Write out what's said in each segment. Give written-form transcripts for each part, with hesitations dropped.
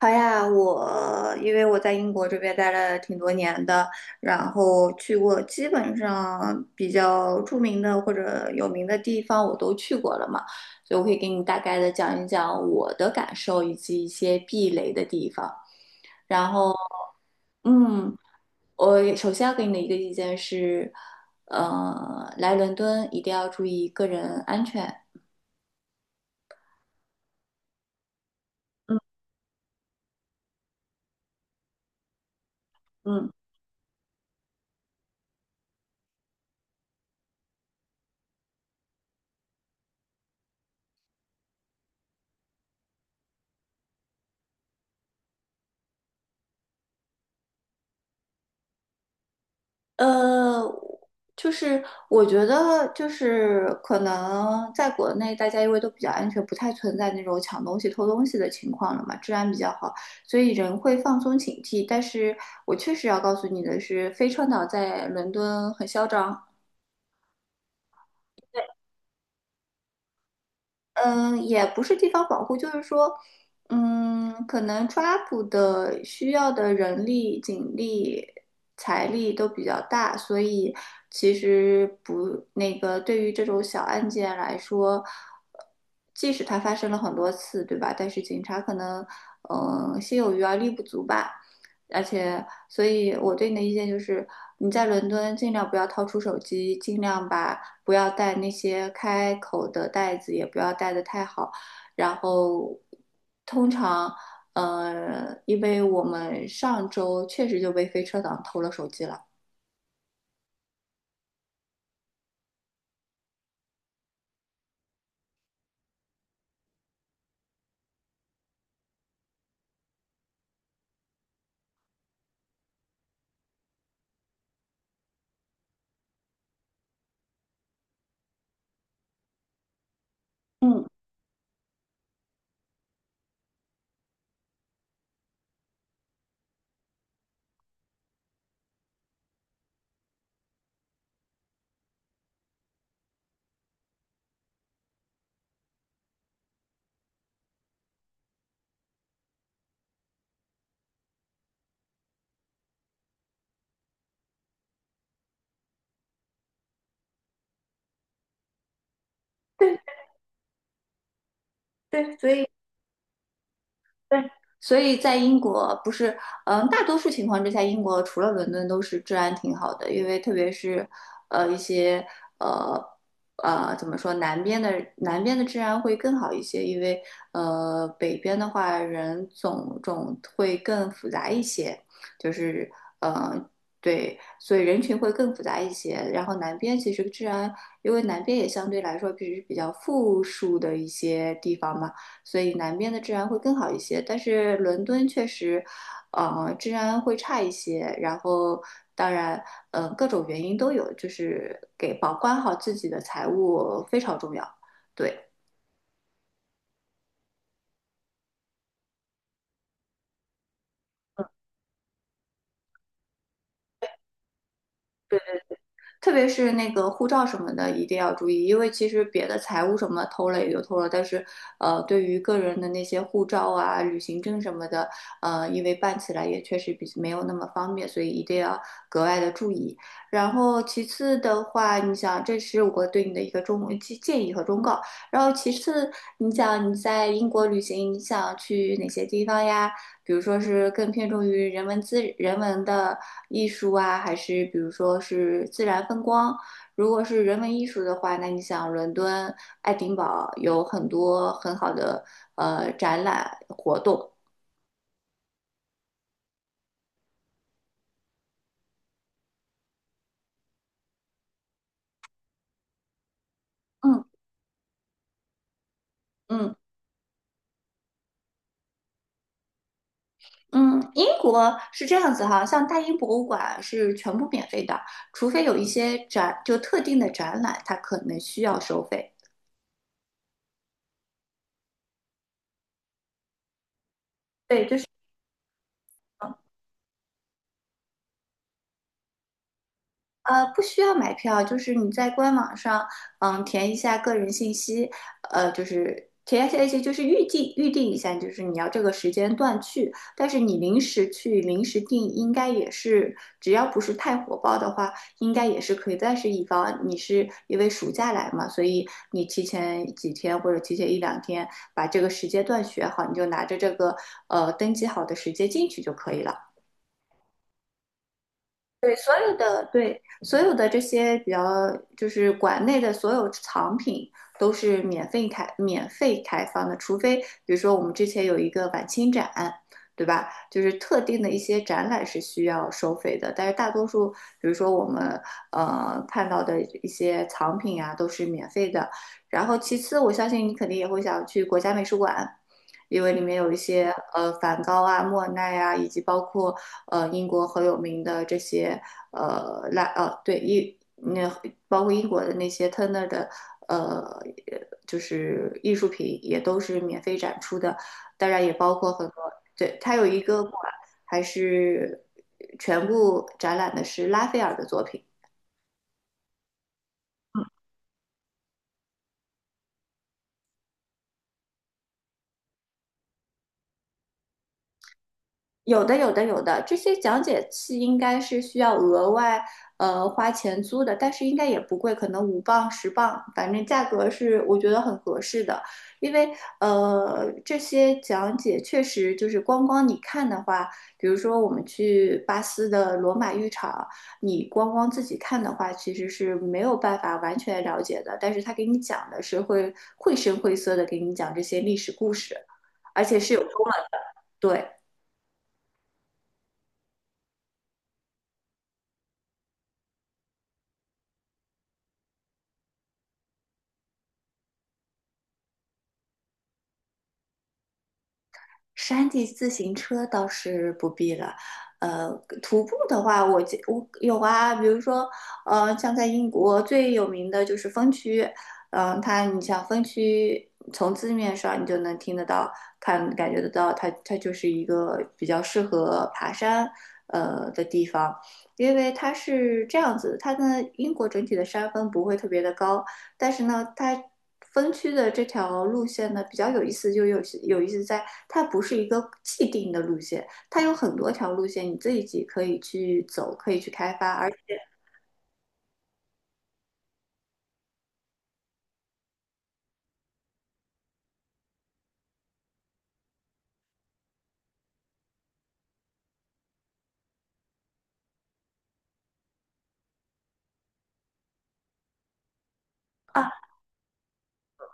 好呀，我因为在英国这边待了挺多年的，然后去过基本上比较著名的或者有名的地方我都去过了嘛，所以我可以给你大概的讲一讲我的感受以及一些避雷的地方。然后，嗯，我首先要给你的一个意见是，来伦敦一定要注意个人安全。嗯嗯。呃，就是我觉得，就是可能在国内大家因为都比较安全，不太存在那种抢东西、偷东西的情况了嘛，治安比较好，所以人会放松警惕。但是我确实要告诉你的是，飞川岛在伦敦很嚣张。嗯，也不是地方保护，就是说，可能抓捕的需要的人力、警力、财力都比较大，所以其实不，那个对于这种小案件来说，即使它发生了很多次，对吧？但是警察可能，心有余而力不足吧。而且，所以我对你的意见就是，你在伦敦尽量不要掏出手机，尽量把。不要带那些开口的袋子，也不要带的太好。然后，通常，因为我们上周确实就被飞车党偷了手机了。嗯，对对，所以对，所以在英国不是，嗯，大多数情况之下，英国除了伦敦都是治安挺好的，因为特别是，呃，一些呃怎么说，南边的治安会更好一些，因为北边的话人种会更复杂一些，就是嗯，对，所以人群会更复杂一些。然后南边其实治安，因为南边也相对来说比较富庶的一些地方嘛。所以南边的治安会更好一些。但是伦敦确实，治安会差一些。当然，各种原因都有，就是给保管好自己的财物非常重要。对。特别是那个护照什么的，一定要注意，因为其实别的财务什么偷了也就偷了，但是对于个人的那些护照啊、旅行证什么的，因为办起来也确实比没有那么方便，所以一定要格外的注意。然后其次的话，你想，这是我对你的一个建议和忠告。然后其次，你想你在英国旅行，你想去哪些地方呀？比如说是更偏重于人文的艺术啊，还是比如说是自然风光？如果是人文艺术的话，那你想伦敦、爱丁堡有很多很好的展览活动。嗯嗯嗯，英国是这样子哈，像大英博物馆是全部免费的，除非有一些特定的展览，它可能需要收费。对，就是不需要买票，就是你在官网上，填一下个人信息，呃，就是填一下，就是预定一下，就是你要这个时间段去。但是你临时去临时定，应该也是，只要不是太火爆的话，应该也是可以。但是以防你是因为暑假来嘛，所以你提前几天或者提前一两天把这个时间段选好，你就拿着这个登记好的时间进去就可以了。对，所有的这些比较，就是馆内的所有藏品都是免费开放的，除非比如说我们之前有一个晚清展，对吧？就是特定的一些展览是需要收费的，但是大多数，比如说我们看到的一些藏品啊，都是免费的。然后其次，我相信你肯定也会想去国家美术馆。因为里面有一些梵高啊、莫奈啊，以及包括英国很有名的这些呃拉呃对英那包括英国的那些 Turner 的呃就是艺术品也都是免费展出的，当然也包括很多对它有一个馆还是全部展览的是拉斐尔的作品。有的，有的，有的，这些讲解器应该是需要额外花钱租的，但是应该也不贵，可能£5£10，反正价格是我觉得很合适的。因为这些讲解确实就是光光你看的话，比如说我们去巴斯的罗马浴场，你光光自己看的话，其实是没有办法完全了解的。但是他给你讲的是会绘声绘色的给你讲这些历史故事，而且是有中文，对。山地自行车倒是不必了，呃，徒步的话我有啊，比如说，呃，像在英国最有名的就是风区，它你像风区从字面上你就能听得到，看感觉得到它，它就是一个比较适合爬山的地方，因为它是这样子，它的英国整体的山峰不会特别的高，但是呢，它分区的这条路线呢比较有意思，就有意思在它不是一个既定的路线，它有很多条路线，你自己可以去走，可以去开发，而且。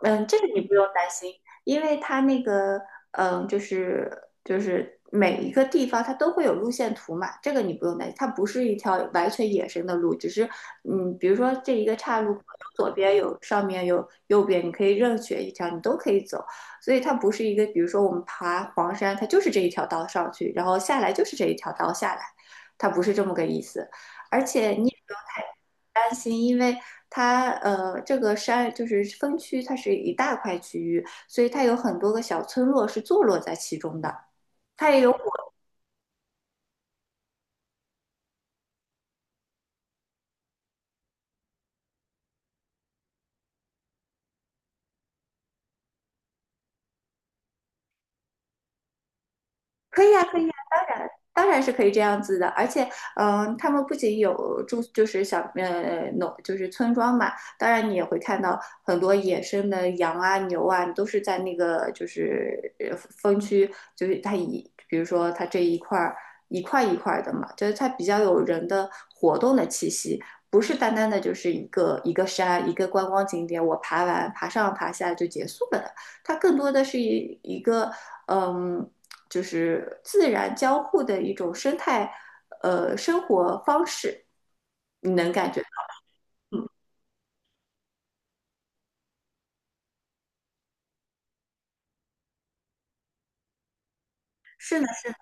嗯，这个你不用担心，因为它那个，嗯，就是就是每一个地方它都会有路线图嘛，这个你不用担心，它不是一条完全野生的路，只是，比如说这一个岔路，左边有上面有右边，你可以任选一条，你都可以走，所以它不是一个，比如说我们爬黄山，它就是这一条道上去，然后下来就是这一条道下来，它不是这么个意思，而且你也不用太担心，因为它这个山就是分区，它是一大块区域，所以它有很多个小村落是坐落在其中的。它也有古可以啊，可以啊，当然，当然是可以这样子的。而且，他们不仅有住，就是农，就是村庄嘛。当然，你也会看到很多野生的羊啊、牛啊，都是在那个就是分区，就是它一，比如说它这一块儿一块一块的嘛，就是它比较有人的活动的气息。不是单单的就是一个一个山一个观光景点，我爬完爬上爬下就结束了的，它更多的是一个嗯就是自然交互的一种生态，生活方式，你能感觉到嗯，是的是的，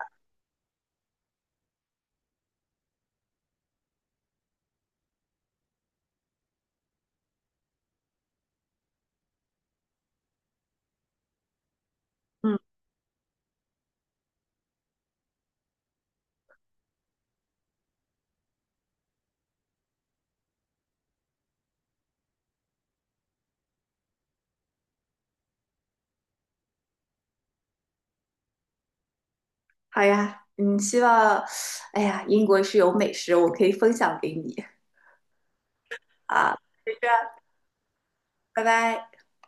嗯，好呀，希望，哎呀，英国是有美食，我可以分享给你啊，就这样，拜拜。